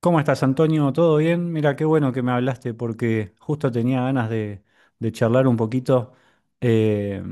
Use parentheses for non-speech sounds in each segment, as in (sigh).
¿Cómo estás, Antonio? ¿Todo bien? Mira, qué bueno que me hablaste porque justo tenía ganas de charlar un poquito. Eh,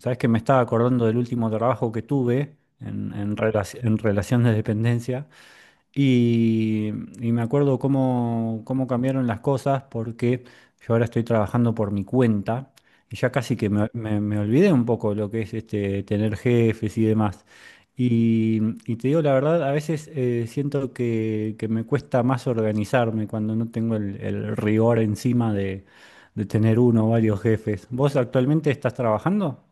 sabes que me estaba acordando del último trabajo que tuve en relación de dependencia y, y me acuerdo cómo cambiaron las cosas porque yo ahora estoy trabajando por mi cuenta y ya casi que me olvidé un poco lo que es este, tener jefes y demás. Y, y te digo la verdad, a veces siento que me cuesta más organizarme cuando no tengo el rigor encima de tener uno o varios jefes. ¿Vos actualmente estás trabajando?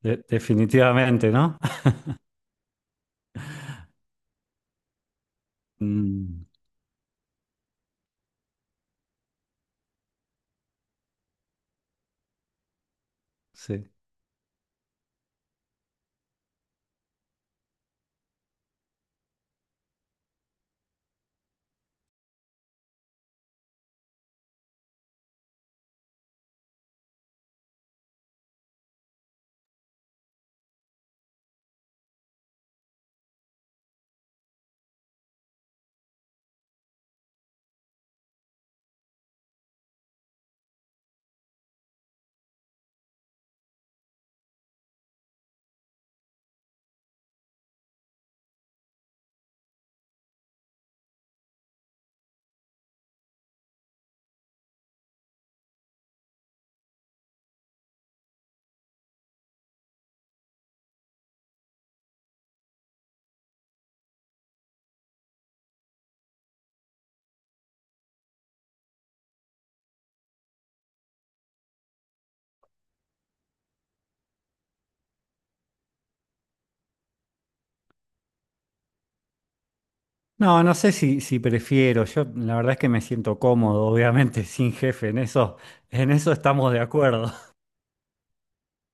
De- definitivamente, ¿no? (laughs) Mm, sí. No, no sé si, si prefiero. Yo la verdad es que me siento cómodo, obviamente, (laughs) sin jefe. En eso estamos de acuerdo.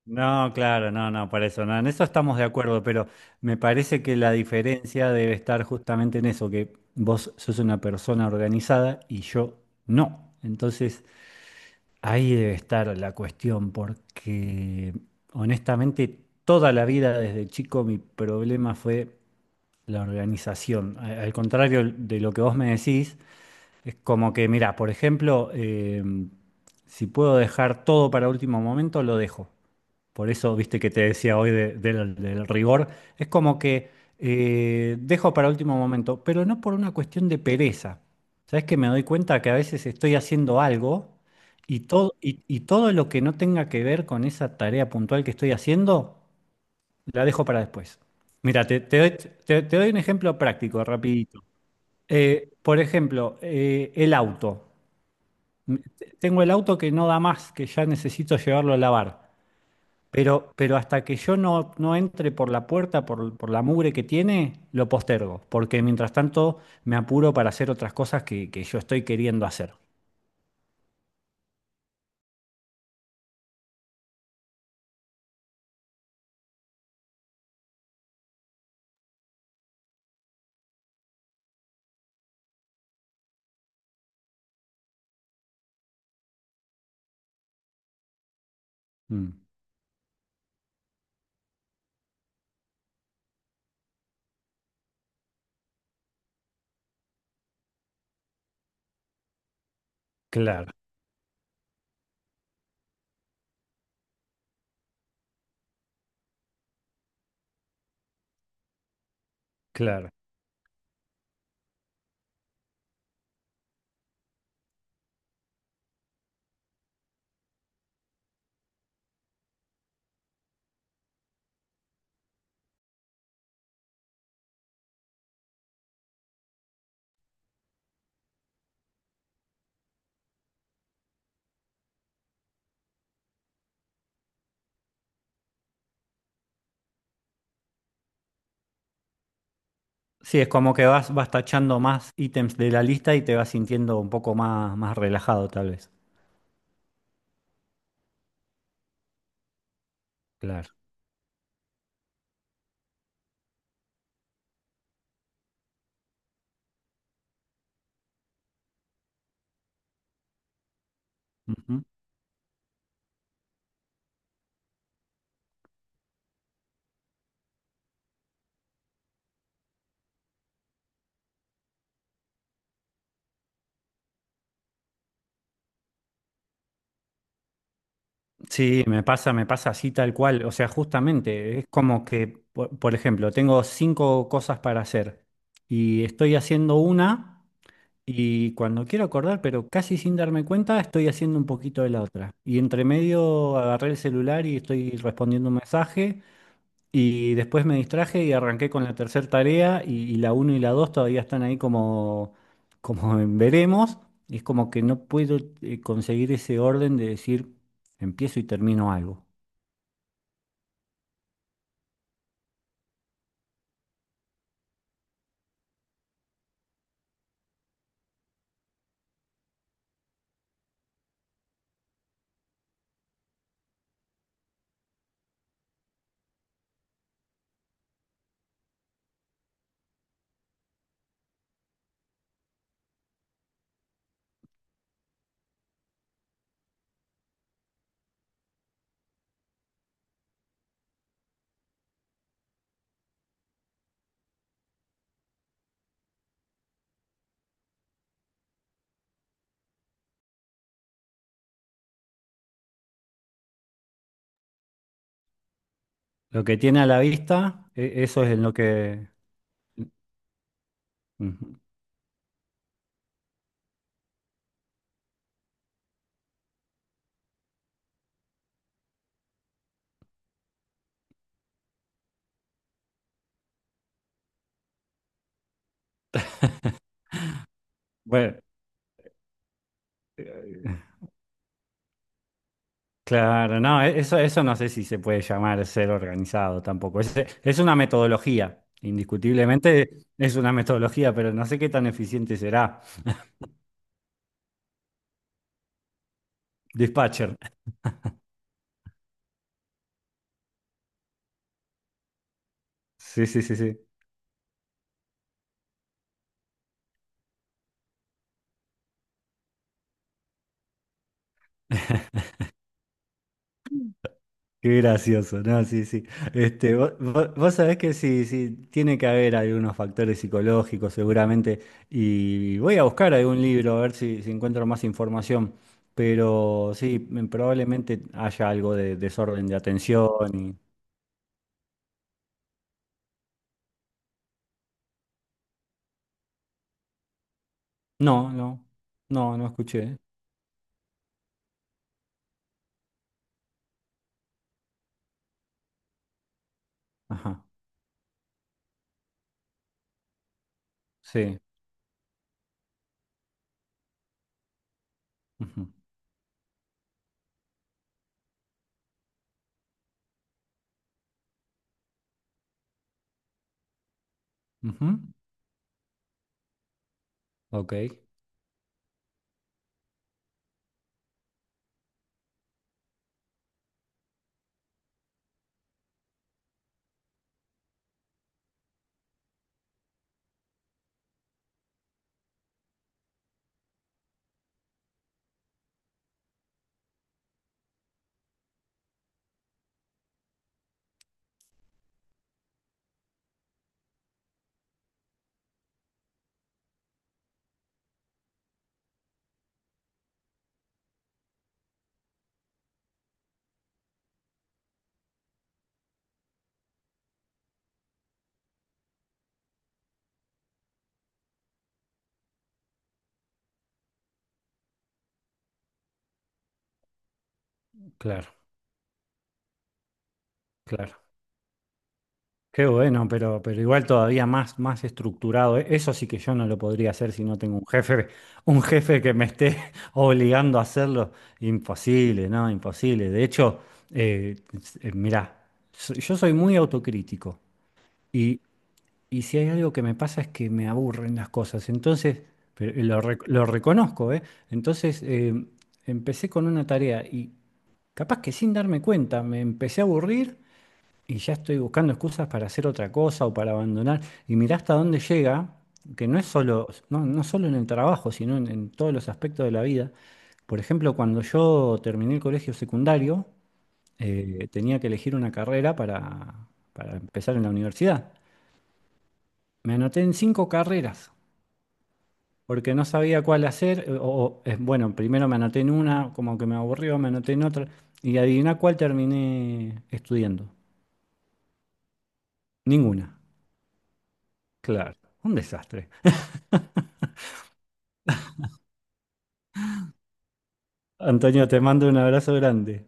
No, claro, no, no, para eso, no, en eso estamos de acuerdo, pero me parece que la diferencia debe estar justamente en eso, que vos sos una persona organizada y yo no. Entonces, ahí debe estar la cuestión, porque honestamente toda la vida desde chico mi problema fue la organización. A- Al contrario de lo que vos me decís, es como que, mira, por ejemplo, si puedo dejar todo para último momento, lo dejo. Por eso, viste que te decía hoy de- del, del rigor, es como que dejo para último momento, pero no por una cuestión de pereza. Sabes que me doy cuenta que a veces estoy haciendo algo y todo, y todo lo que no tenga que ver con esa tarea puntual que estoy haciendo, la dejo para después. Mira, te doy un ejemplo práctico, rapidito. Por ejemplo, el auto. M- Tengo el auto que no da más, que ya necesito llevarlo a lavar. Pero hasta que yo no, no entre por la puerta, por la mugre que tiene, lo postergo, porque mientras tanto me apuro para hacer otras cosas que yo estoy queriendo hacer. Mm, claro, claro. Sí, es como que vas, vas tachando más ítems de la lista y te vas sintiendo un poco más, más relajado, tal vez. Claro. Ujú. Sí, me pasa así tal cual. O sea, justamente, es como que, por ejemplo, tengo cinco cosas para hacer y estoy haciendo una. Y cuando quiero acordar, pero casi sin darme cuenta, estoy haciendo un poquito de la otra. Y entre medio agarré el celular y estoy respondiendo un mensaje. Y después me distraje y arranqué con la tercera tarea. Y la uno y la 2 todavía están ahí como, como en veremos. Y es como que no puedo conseguir ese orden de decir empiezo y termino algo. Lo que tiene a la vista, e- eso es en lo que. Ujú. Bueno. Claro, no, e- eso no sé si se puede llamar ser organizado tampoco. Es una metodología, indiscutiblemente es una metodología, pero no sé qué tan eficiente será. Dispatcher. Sí, sí, sí, sí. Qué gracioso, ¿no? Sí, sí. Este, vo- vo- vos, sabés que sí, sí, tiene que haber algunos factores psicológicos seguramente. Y voy a buscar algún libro a ver si, si encuentro más información. Pero sí, probablemente haya algo de desorden de atención. No, no, no, no escuché. Ajá, sí. Ujú, ujú. Ok, claro, claro. Qué bueno, pero igual todavía más, más estructurado. E- Eso sí que yo no lo podría hacer si no tengo un jefe que me esté (laughs) obligando a hacerlo. Imposible, ¿no? Imposible. De hecho, s- mirá, so- yo soy muy autocrítico. Y si hay algo que me pasa es que me aburren las cosas. Entonces, pero lo, rec- lo reconozco, ¿eh? Entonces, empecé con una tarea y capaz que sin darme cuenta me empecé a aburrir y ya estoy buscando excusas para hacer otra cosa o para abandonar. Y mirá hasta dónde llega, que no es solo, no, no solo en el trabajo, sino en todos los aspectos de la vida. Por ejemplo, cuando yo terminé el colegio secundario, tenía que elegir una carrera para empezar en la universidad. Me anoté en cinco carreras, porque no sabía cuál hacer, o, bueno, primero me anoté en una, como que me aburrió, me anoté en otra, y adivina cuál terminé estudiando. Ninguna, claro, un desastre. Antonio, te mando un abrazo grande.